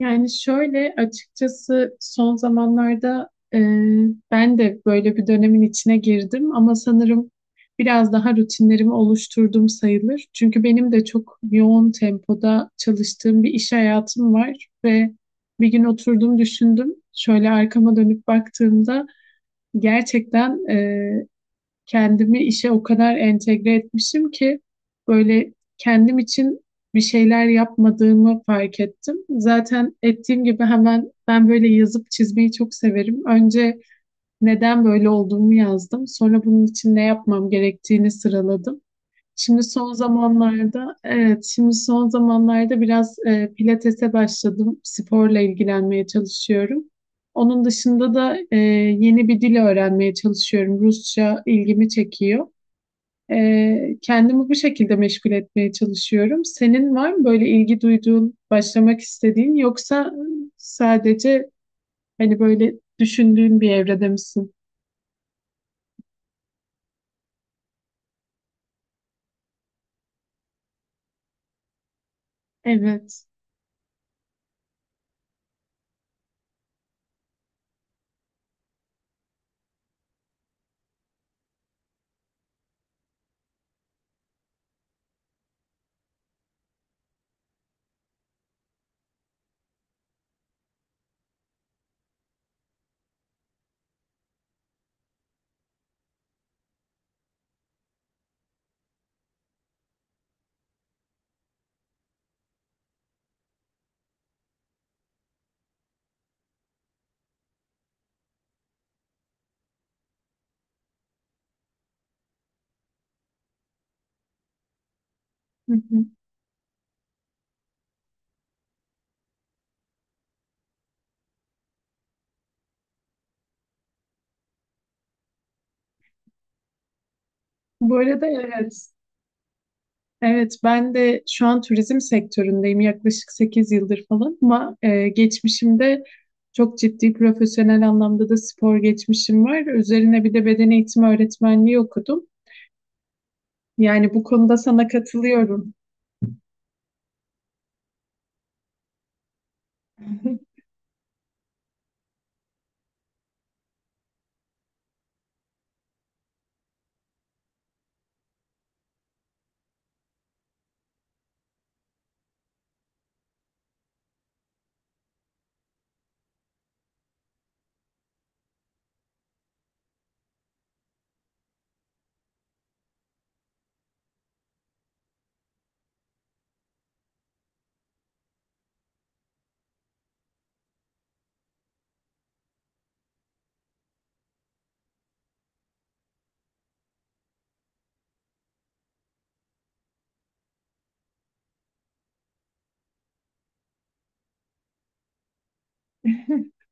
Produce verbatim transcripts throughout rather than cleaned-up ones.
Yani şöyle açıkçası son zamanlarda e, ben de böyle bir dönemin içine girdim ama sanırım biraz daha rutinlerimi oluşturdum sayılır. Çünkü benim de çok yoğun tempoda çalıştığım bir iş hayatım var ve bir gün oturdum düşündüm. Şöyle arkama dönüp baktığımda gerçekten e, kendimi işe o kadar entegre etmişim ki böyle kendim için bir şeyler yapmadığımı fark ettim. Zaten ettiğim gibi hemen ben böyle yazıp çizmeyi çok severim. Önce neden böyle olduğumu yazdım. Sonra bunun için ne yapmam gerektiğini sıraladım. Şimdi son zamanlarda, evet, şimdi son zamanlarda biraz e, pilatese başladım. Sporla ilgilenmeye çalışıyorum. Onun dışında da e, yeni bir dil öğrenmeye çalışıyorum. Rusça ilgimi çekiyor. E, kendimi bu şekilde meşgul etmeye çalışıyorum. Senin var mı böyle ilgi duyduğun, başlamak istediğin yoksa sadece hani böyle düşündüğün bir evrede misin? Evet. Hı hı. Bu arada evet. Evet, ben de şu an turizm sektöründeyim yaklaşık sekiz yıldır falan ama e, geçmişimde çok ciddi profesyonel anlamda da spor geçmişim var. Üzerine bir de beden eğitimi öğretmenliği okudum. Yani bu konuda sana katılıyorum.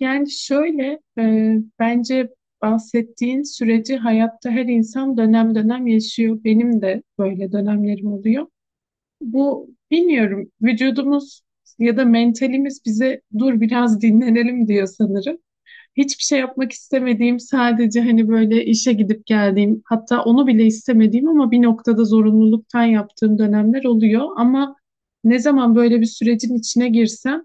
Yani şöyle, e, bence bahsettiğin süreci hayatta her insan dönem dönem yaşıyor. Benim de böyle dönemlerim oluyor. Bu bilmiyorum vücudumuz ya da mentalimiz bize dur biraz dinlenelim diyor sanırım. Hiçbir şey yapmak istemediğim sadece hani böyle işe gidip geldiğim hatta onu bile istemediğim ama bir noktada zorunluluktan yaptığım dönemler oluyor. Ama ne zaman böyle bir sürecin içine girsem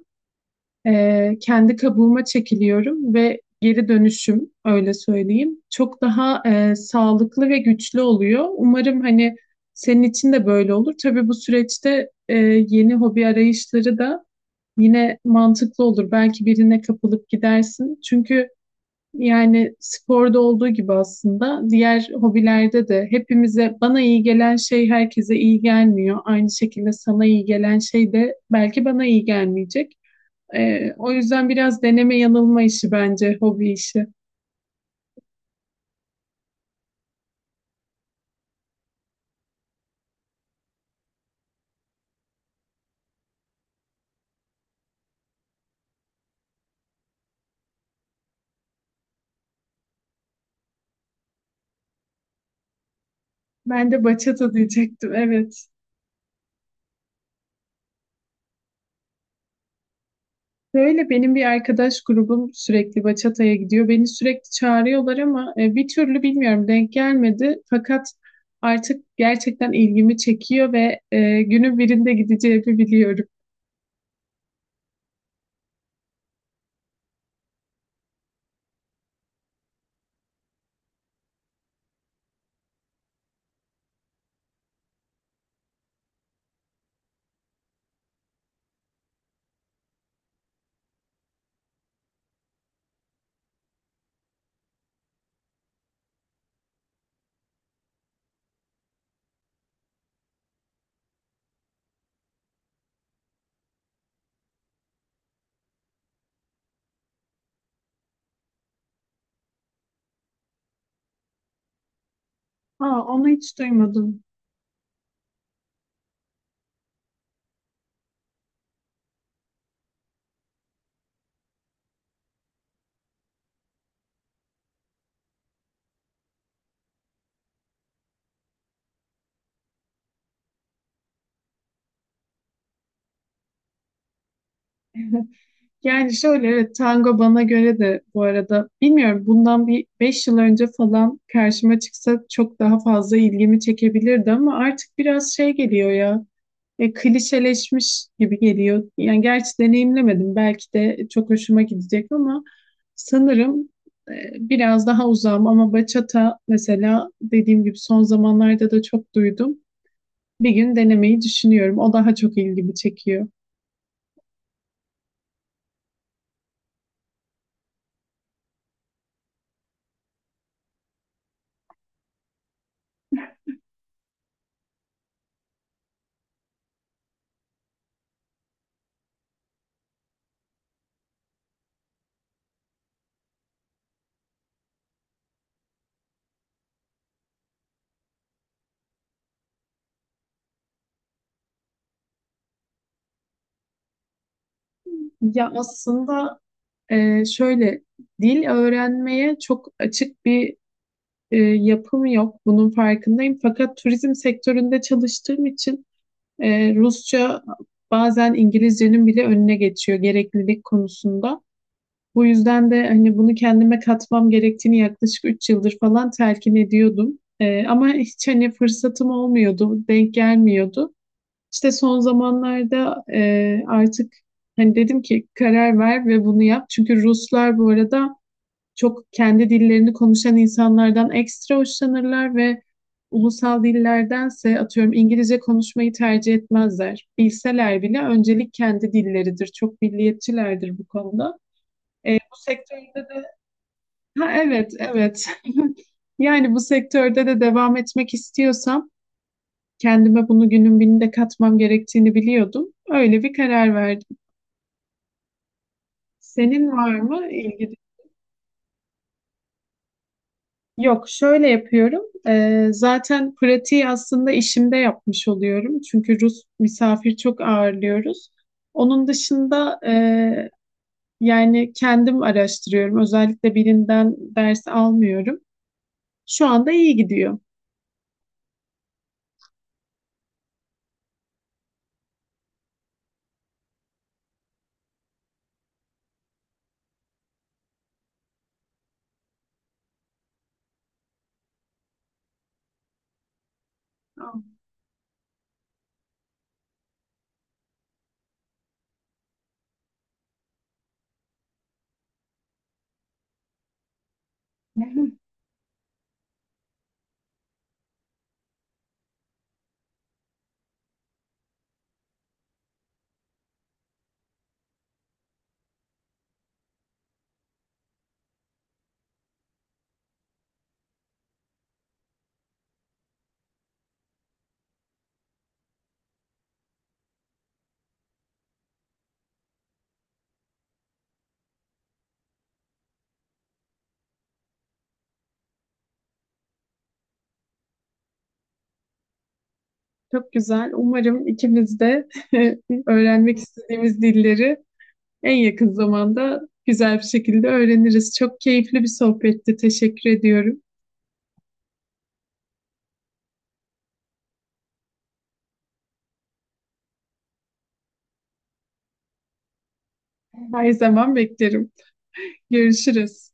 ee, kendi kabuğuma çekiliyorum ve geri dönüşüm öyle söyleyeyim çok daha e, sağlıklı ve güçlü oluyor. Umarım hani senin için de böyle olur. Tabii bu süreçte e, yeni hobi arayışları da yine mantıklı olur. Belki birine kapılıp gidersin. Çünkü yani sporda olduğu gibi aslında diğer hobilerde de hepimize bana iyi gelen şey herkese iyi gelmiyor. Aynı şekilde sana iyi gelen şey de belki bana iyi gelmeyecek. Ee, o yüzden biraz deneme yanılma işi bence, hobi işi. Ben de bachata diyecektim, evet. Böyle benim bir arkadaş grubum sürekli bachata'ya gidiyor. Beni sürekli çağırıyorlar ama e, bir türlü bilmiyorum denk gelmedi. Fakat artık gerçekten ilgimi çekiyor ve e, günün birinde gideceğimi biliyorum. Aa, onu hiç duymadım. Yani şöyle evet tango bana göre de bu arada bilmiyorum bundan bir beş yıl önce falan karşıma çıksa çok daha fazla ilgimi çekebilirdi ama artık biraz şey geliyor ya e, klişeleşmiş gibi geliyor. Yani gerçi deneyimlemedim belki de çok hoşuma gidecek ama sanırım e, biraz daha uzağım ama bachata mesela dediğim gibi son zamanlarda da çok duydum. Bir gün denemeyi düşünüyorum. O daha çok ilgimi çekiyor. Ya aslında e, şöyle dil öğrenmeye çok açık bir e, yapım yok. Bunun farkındayım. Fakat turizm sektöründe çalıştığım için e, Rusça bazen İngilizcenin bile önüne geçiyor gereklilik konusunda. Bu yüzden de hani bunu kendime katmam gerektiğini yaklaşık üç yıldır falan telkin ediyordum. Ee, ama hiç hani fırsatım olmuyordu, denk gelmiyordu. İşte son zamanlarda e, artık hani dedim ki karar ver ve bunu yap. Çünkü Ruslar bu arada çok kendi dillerini konuşan insanlardan ekstra hoşlanırlar ve ulusal dillerdense atıyorum İngilizce konuşmayı tercih etmezler. Bilseler bile öncelik kendi dilleridir. Çok milliyetçilerdir bu konuda. Eee, bu sektörde de ha evet, evet. Yani bu sektörde de devam etmek istiyorsam kendime bunu günün birinde katmam gerektiğini biliyordum. Öyle bir karar verdim. Senin var mı ilgili? Yok, şöyle yapıyorum. Eee, zaten pratiği aslında işimde yapmış oluyorum. Çünkü Rus misafir çok ağırlıyoruz. Onun dışında eee, yani kendim araştırıyorum. Özellikle birinden ders almıyorum. Şu anda iyi gidiyor. Aa. Çok güzel. Umarım ikimiz de öğrenmek istediğimiz dilleri en yakın zamanda güzel bir şekilde öğreniriz. Çok keyifli bir sohbetti. Teşekkür ediyorum. Her zaman beklerim. Görüşürüz.